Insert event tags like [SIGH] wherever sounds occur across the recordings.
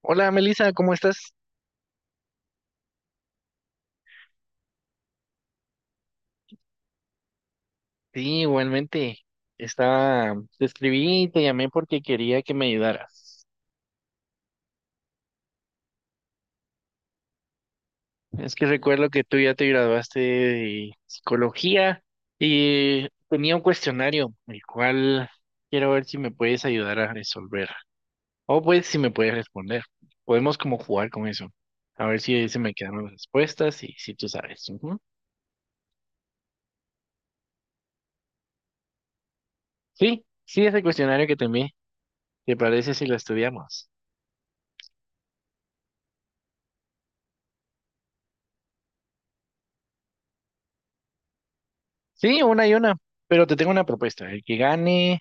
Hola Melissa, ¿cómo estás? Sí, igualmente. Te escribí y te llamé porque quería que me ayudaras. Es que recuerdo que tú ya te graduaste de psicología y tenía un cuestionario, el cual quiero ver si me puedes ayudar a resolver. O pues si me puedes responder. Podemos como jugar con eso. A ver si se me quedan las respuestas y si tú sabes. Ujú. Sí, sí, ese cuestionario que te envié. ¿Te parece si lo estudiamos? Sí, una y una, pero te tengo una propuesta.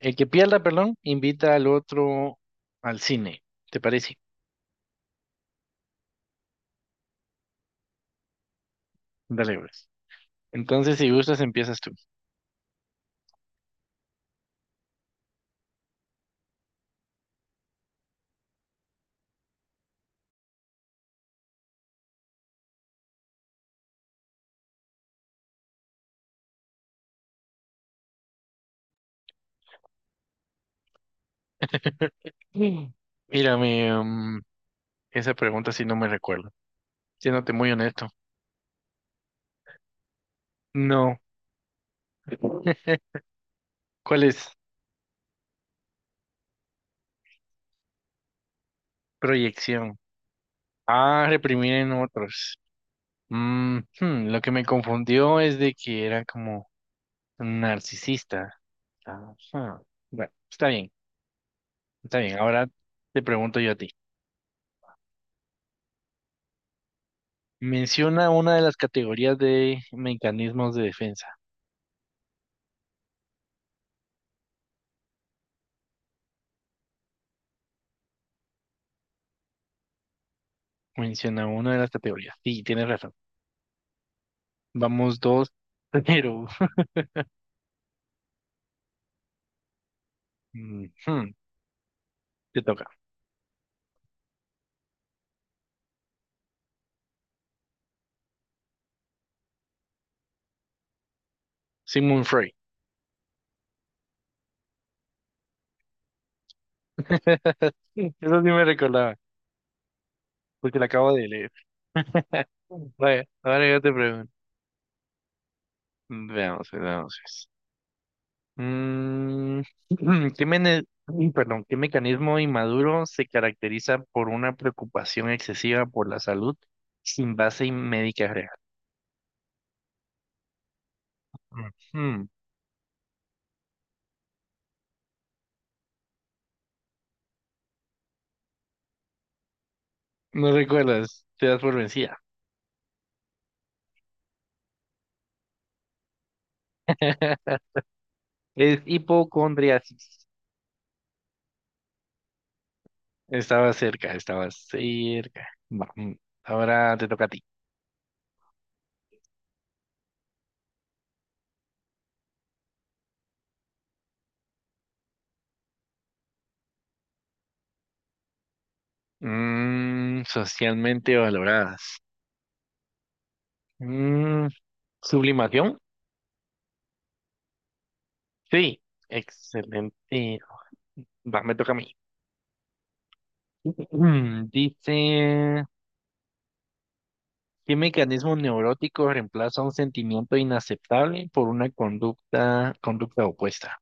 El que pierda, perdón, invita al otro al cine. ¿Te parece? Dale, pues. Entonces, si gustas, empiezas tú. [LAUGHS] Mm. Mírame, esa pregunta sí no me recuerdo. Siéndote muy honesto. No. ¿Cuál es? Proyección. Ah, reprimir en otros. Lo que me confundió es de que era como narcisista. Ajá. Bueno, está bien, está bien. Ahora te pregunto yo a ti. Menciona una de las categorías de mecanismos de defensa. Menciona una de las categorías. Sí, tienes razón. Vamos dos, pero [LAUGHS] ujú, te toca. Sigmund Freud. [LAUGHS] Eso sí me recordaba, porque la acabo de leer. [LAUGHS] Vaya, ahora yo te pregunto. Veamos, pues, veamos. Pues. Mm, [CLEARS THROAT] uy, perdón, ¿qué mecanismo inmaduro se caracteriza por una preocupación excesiva por la salud sin base médica real? Ujú. No recuerdas, te das por vencida. [LAUGHS] Es hipocondriasis. Estaba cerca, estaba cerca. Va, ahora te toca a ti. Socialmente valoradas. Mm, ¿Sublimación? Sí, excelente. Va, me toca a mí. Dice, ¿qué mecanismo neurótico reemplaza un sentimiento inaceptable por una conducta opuesta?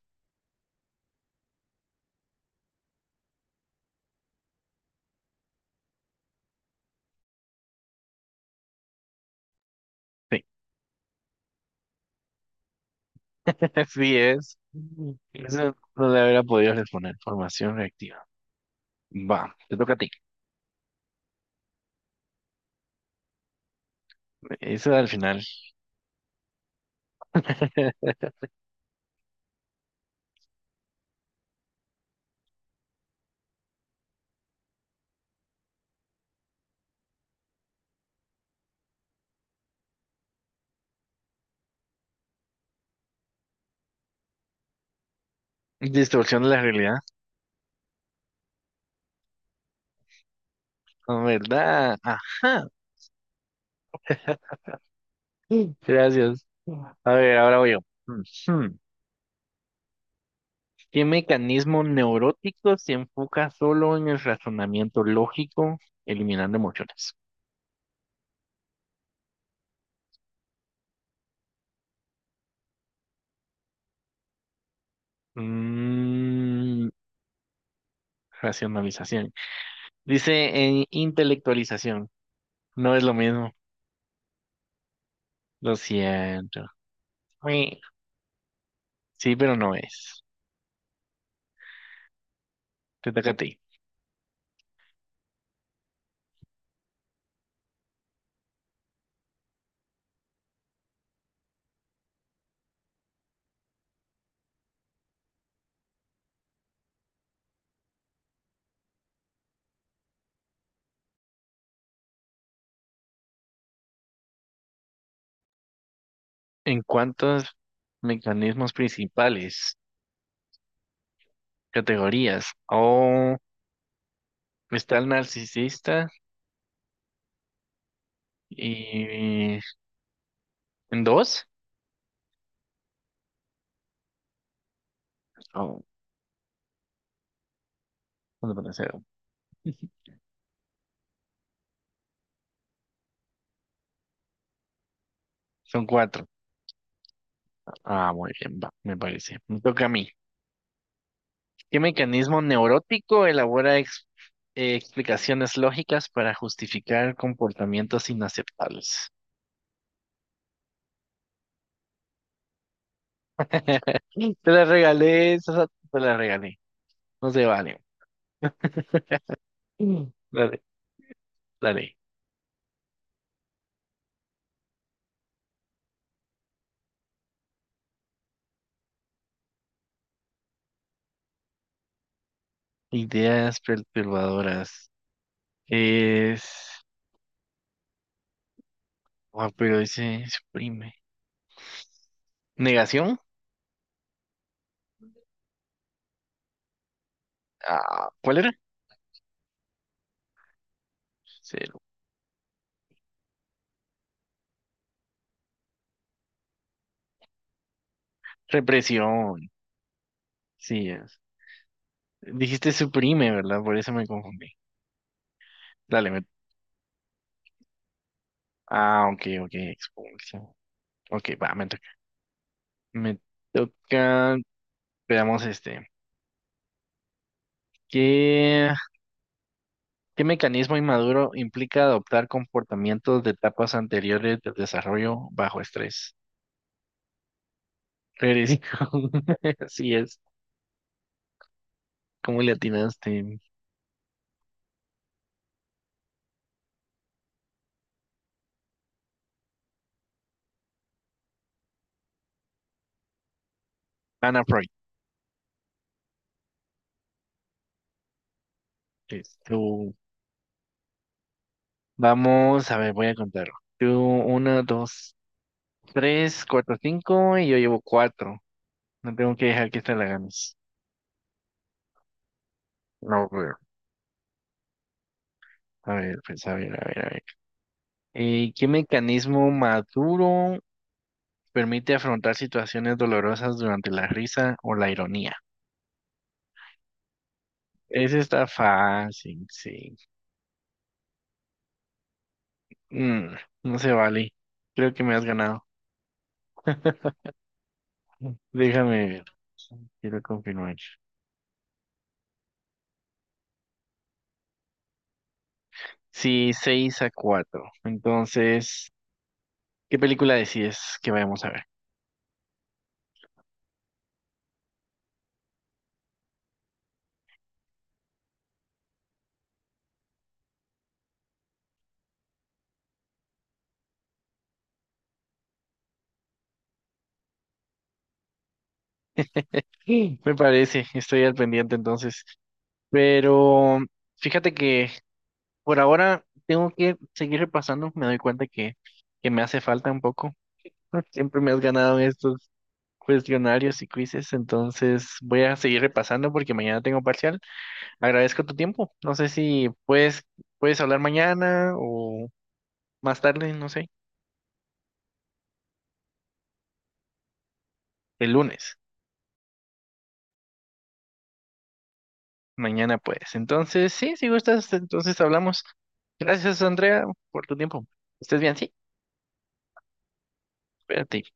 Sí, [LAUGHS] así es. Mm. Eso no le hubiera podido responder. Formación reactiva. Va, te toca a ti. Eso al final. [LAUGHS] Distorsión de la realidad. Ah, ¿verdad? Ajá. [LAUGHS] Gracias. A ver, ahora voy yo. Ujú. ¿Qué mecanismo neurótico se enfoca solo en el razonamiento lógico, eliminando emociones? Mm, Racionalización. Dice en intelectualización. No es lo mismo. Lo siento. Ui. Sí, pero no es. Te toca a ti. ¿En cuántos mecanismos principales, categorías? Oh, está el narcisista y en dos. Oh, ¿cuánto puede ser? Son cuatro. Ah, muy bien, va, me parece. Me toca a mí. ¿Qué mecanismo neurótico elabora explicaciones lógicas para justificar comportamientos inaceptables? Te la regalé, Sasa, te la regalé. No se vale. Mm. Dale, dale. Ideas perturbadoras. Es... Ah, pero dice suprime. ¿Negación? Ah, ¿cuál era? Cero. Represión. Sí, es. Dijiste suprime, ¿verdad? Por eso me confundí. Dale, ah, ok, ok, expulsión. Ok, va, me toca, veamos este. ¿Qué, qué mecanismo inmaduro implica adoptar comportamientos de etapas anteriores del desarrollo bajo estrés? Eres- [LAUGHS] Así es, ¿cómo le atinaste? Ana Freud. Es tú. Vamos, a ver, voy a contar. Tú, uno, dos, tres, cuatro, cinco, y yo llevo cuatro. No tengo que dejar que esta la ganes. No, pero, a ver, pues, a ver, a ver, a ver. ¿Qué mecanismo maduro? Permite afrontar situaciones dolorosas durante la risa o la ironía. Ese está fácil, sí. Mm, no se vale. Creo que me has ganado. [LAUGHS] Déjame ver. Quiero confirmar. Sí, 6-4. Entonces, ¿qué película decides que vayamos a ver? Sí. Me parece, estoy al pendiente entonces. Pero fíjate que por ahora tengo que seguir repasando. Me doy cuenta que, me hace falta un poco. [LAUGHS] Siempre me has ganado en estos cuestionarios y quizzes, entonces voy a seguir repasando porque mañana tengo parcial. Agradezco tu tiempo. No sé si puedes hablar mañana o más tarde, no sé, el lunes. Mañana puedes. Entonces, sí, si gustas, entonces hablamos. Gracias, Andrea, por tu tiempo. Estés bien, sí. Espérate.